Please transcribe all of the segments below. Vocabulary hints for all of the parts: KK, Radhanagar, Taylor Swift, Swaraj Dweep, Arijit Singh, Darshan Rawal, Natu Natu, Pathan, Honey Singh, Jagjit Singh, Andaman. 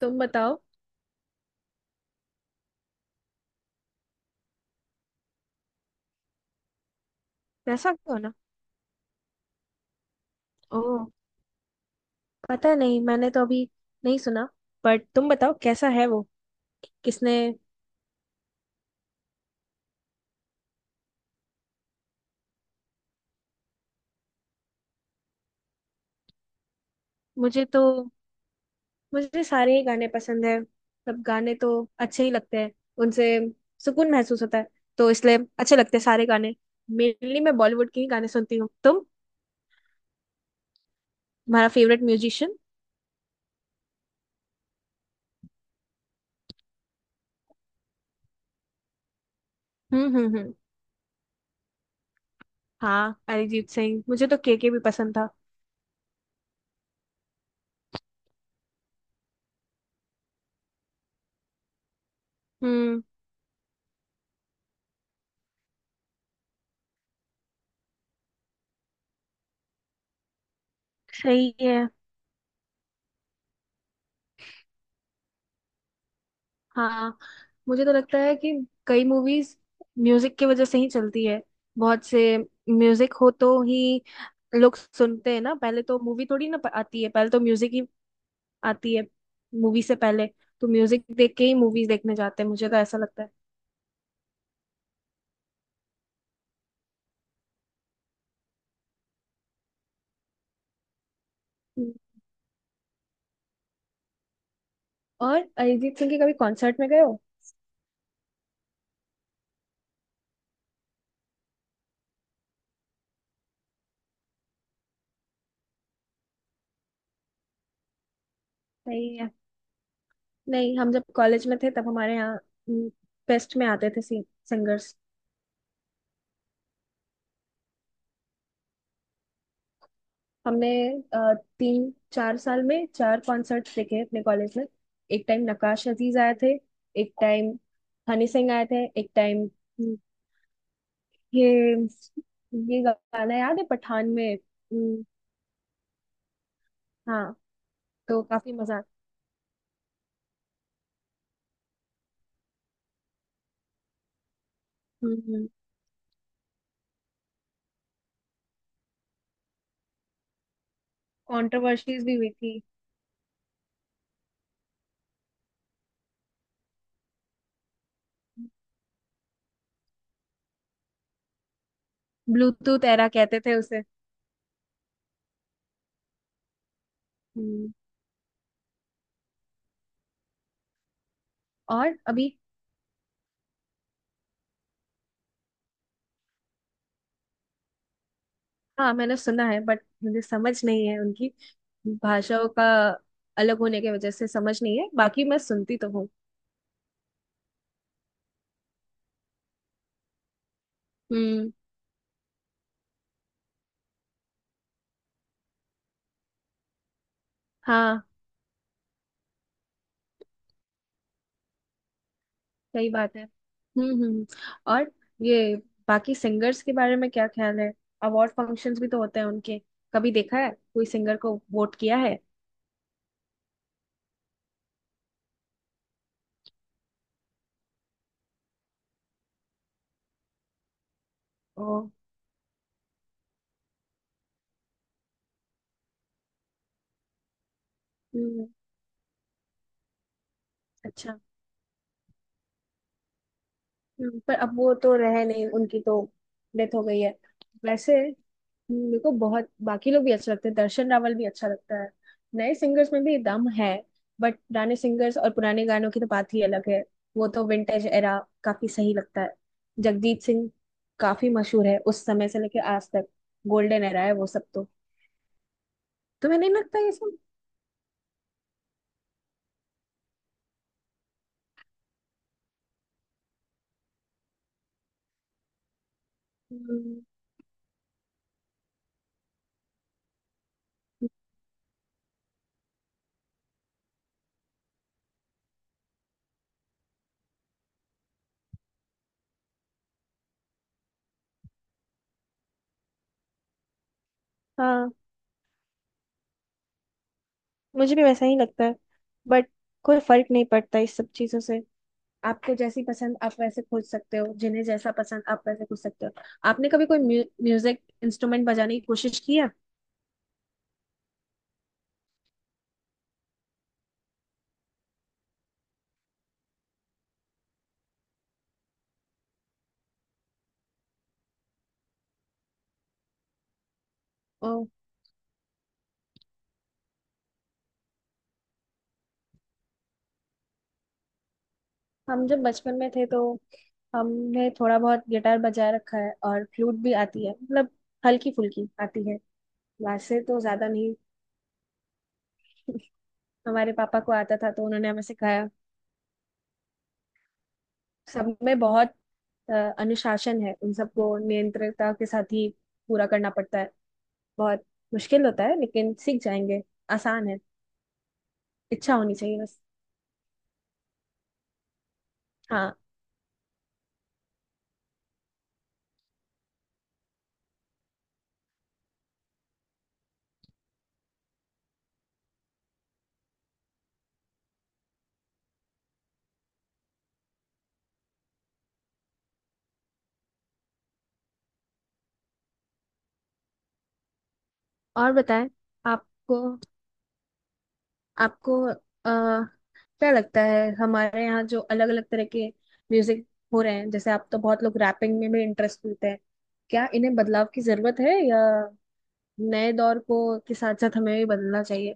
तुम बताओ। ऐसा क्यों ना। ओ, पता नहीं मैंने तो अभी नहीं सुना। बट तुम बताओ कैसा है वो। किसने। मुझे तो मुझे सारे ही गाने पसंद है। सब गाने तो अच्छे ही लगते हैं। उनसे सुकून महसूस होता है। तो इसलिए अच्छे लगते हैं सारे गाने। मेनली मैं बॉलीवुड के ही गाने सुनती हूँ। तुम्हारा फेवरेट म्यूजिशियन? हम्म। हाँ, अरिजीत सिंह। मुझे तो केके भी पसंद था। हम्म। सही है। हाँ, मुझे तो लगता है कि कई मूवीज म्यूजिक की वजह से ही चलती है। बहुत से म्यूजिक हो तो ही लोग सुनते हैं ना। पहले तो मूवी थोड़ी ना आती है, पहले तो म्यूजिक ही आती है मूवी से पहले। तो म्यूजिक देख के ही मूवीज देखने जाते हैं। मुझे तो ऐसा लगता है। हम्म। और अरिजीत सिंह के कभी कॉन्सर्ट में गए हो? नहीं है। नहीं, हम जब कॉलेज में थे तब हमारे यहाँ फेस्ट में आते थे सिंगर्स। हमने तीन चार साल में चार कॉन्सर्ट्स देखे हैं अपने कॉलेज में। एक टाइम नक्काश अजीज आए थे। एक टाइम हनी सिंह आए थे। एक टाइम ये ये गाना याद है पठान में। हम्म। हाँ, तो काफी मजा। हम्म। कंट्रोवर्सीज भी हुई थी। ब्लूटूथ एरा कहते थे उसे। हम्म। और अभी? हाँ, मैंने सुना है बट मुझे समझ नहीं है उनकी भाषाओं का अलग होने की वजह से। समझ नहीं है, बाकी मैं सुनती तो हूँ। हम्म। हाँ, सही बात है। हम्म। और ये बाकी सिंगर्स के बारे में क्या ख्याल है? अवार्ड फंक्शंस भी तो होते हैं उनके। कभी देखा है, कोई सिंगर को वोट किया है? ओ। हम्म। अच्छा, पर अब वो तो रहे नहीं, उनकी तो डेथ हो गई है। वैसे मेरे को बहुत बाकी लोग भी अच्छे लगते हैं। दर्शन रावल भी अच्छा लगता है। नए सिंगर्स में भी दम है। बट पुराने सिंगर्स और पुराने गानों की तो बात ही अलग है। वो तो विंटेज एरा, काफी सही लगता है। जगजीत सिंह काफी मशहूर है उस समय से लेके आज तक। गोल्डन एरा है वो सब तो। तुम्हें नहीं लगता ये सब? हम्म, हाँ, मुझे भी वैसा ही लगता है। बट कोई फर्क नहीं पड़ता इस सब चीजों से। आपको जैसी पसंद आप वैसे खोज सकते हो, जिन्हें जैसा पसंद आप वैसे खोज सकते हो। आपने कभी कोई म्यूजिक इंस्ट्रूमेंट बजाने की कोशिश की है? ओ, हम जब बचपन में थे तो हमने थोड़ा बहुत गिटार बजा रखा है और फ्लूट भी आती है। मतलब हल्की फुल्की आती है, वैसे तो ज्यादा नहीं। हमारे पापा को आता था तो उन्होंने हमें सिखाया। सब में बहुत अ, अनुशासन है, उन सबको नियंत्रणता के साथ ही पूरा करना पड़ता है। बहुत मुश्किल होता है, लेकिन सीख जाएंगे। आसान है, इच्छा होनी चाहिए बस। हाँ। और बताएं, आपको आपको क्या लगता है हमारे यहाँ जो अलग अलग तरह के म्यूजिक हो रहे हैं? जैसे आप तो, बहुत लोग रैपिंग में भी इंटरेस्ट लेते हैं। क्या इन्हें बदलाव की जरूरत है, या नए दौर को के साथ साथ हमें भी बदलना चाहिए?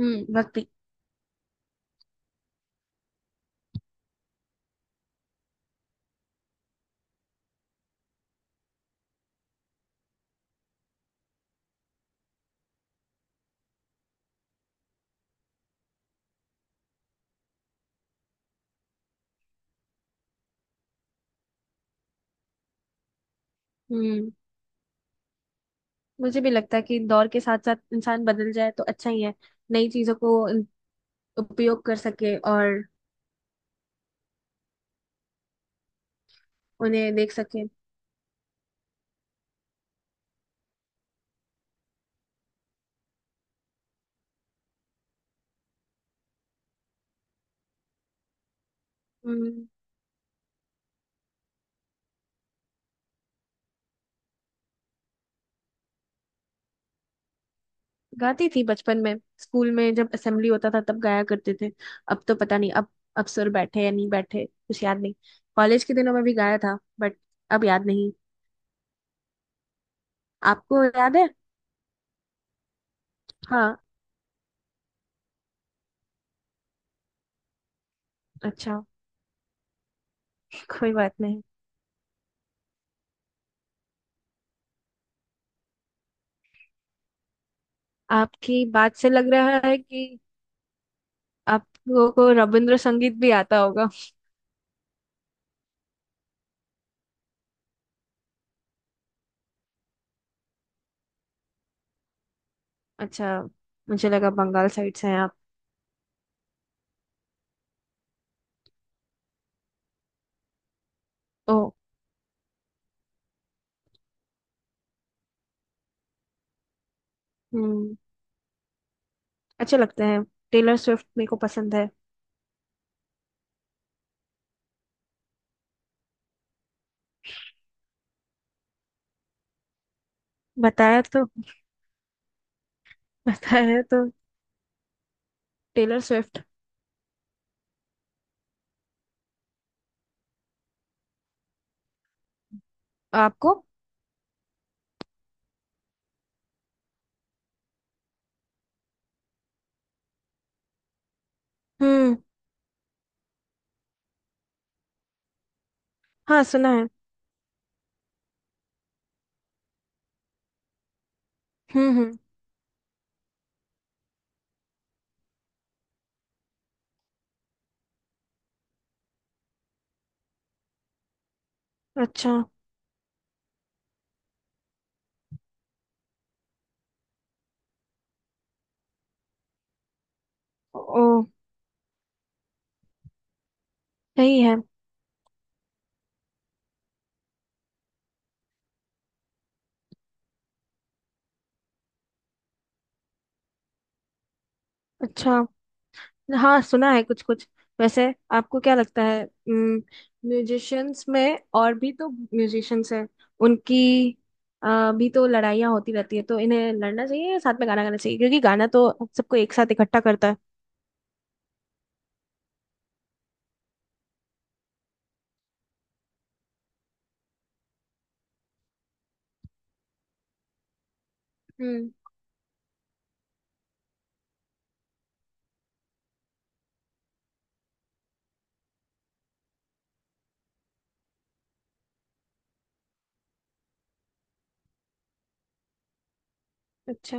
हम्म, भक्ति। हम्म, मुझे भी लगता है कि दौर के साथ साथ इंसान बदल जाए तो अच्छा ही है। नई चीजों को उपयोग कर सके और उन्हें देख सके। हम्म। गाती थी बचपन में, स्कूल में जब असेंबली होता था तब गाया करते थे। अब तो पता नहीं, अब सुर बैठे या नहीं बैठे कुछ याद नहीं। कॉलेज के दिनों में भी गाया था बट अब याद नहीं। आपको याद है? हाँ। अच्छा, कोई बात नहीं। आपकी बात से लग रहा है कि आप लोगों को रविंद्र संगीत भी आता होगा। अच्छा, मुझे लगा बंगाल साइड से हैं आप। ओ। हम्म, अच्छे लगते हैं। टेलर स्विफ्ट मेरे को पसंद है। बताया तो। बताया तो, टेलर स्विफ्ट। आपको? हम्म। हाँ, सुना है। हम्म। अच्छा। ओ, सही है। अच्छा, हाँ, सुना है कुछ कुछ। वैसे आपको क्या लगता है, म्यूजिशियंस में, और भी तो म्यूजिशियंस हैं उनकी भी तो लड़ाइयाँ होती रहती है, तो इन्हें लड़ना चाहिए या साथ में गाना गाना चाहिए? क्योंकि गाना तो हम सबको एक साथ इकट्ठा करता है। हम्म। अच्छा।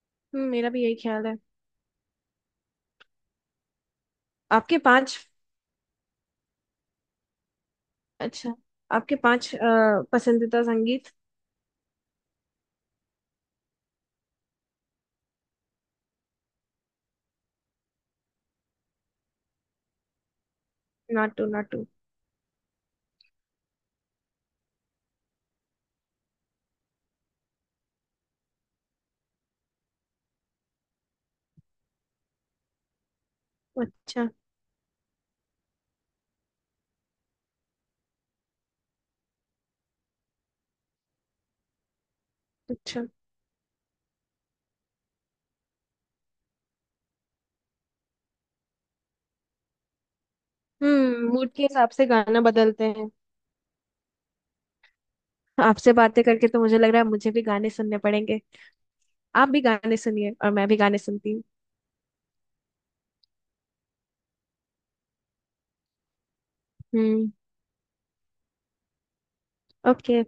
हम्म, मेरा भी यही ख्याल है। आपके पांच। अच्छा, आपके पांच पसंदीदा संगीत? नाटू नाटू। अच्छा। अच्छा। हम्म, मूड के हिसाब से गाना बदलते हैं। आपसे बातें करके तो मुझे लग रहा है मुझे भी गाने सुनने पड़ेंगे। आप भी गाने सुनिए, और मैं भी गाने सुनती हूँ। हम्म। ओके।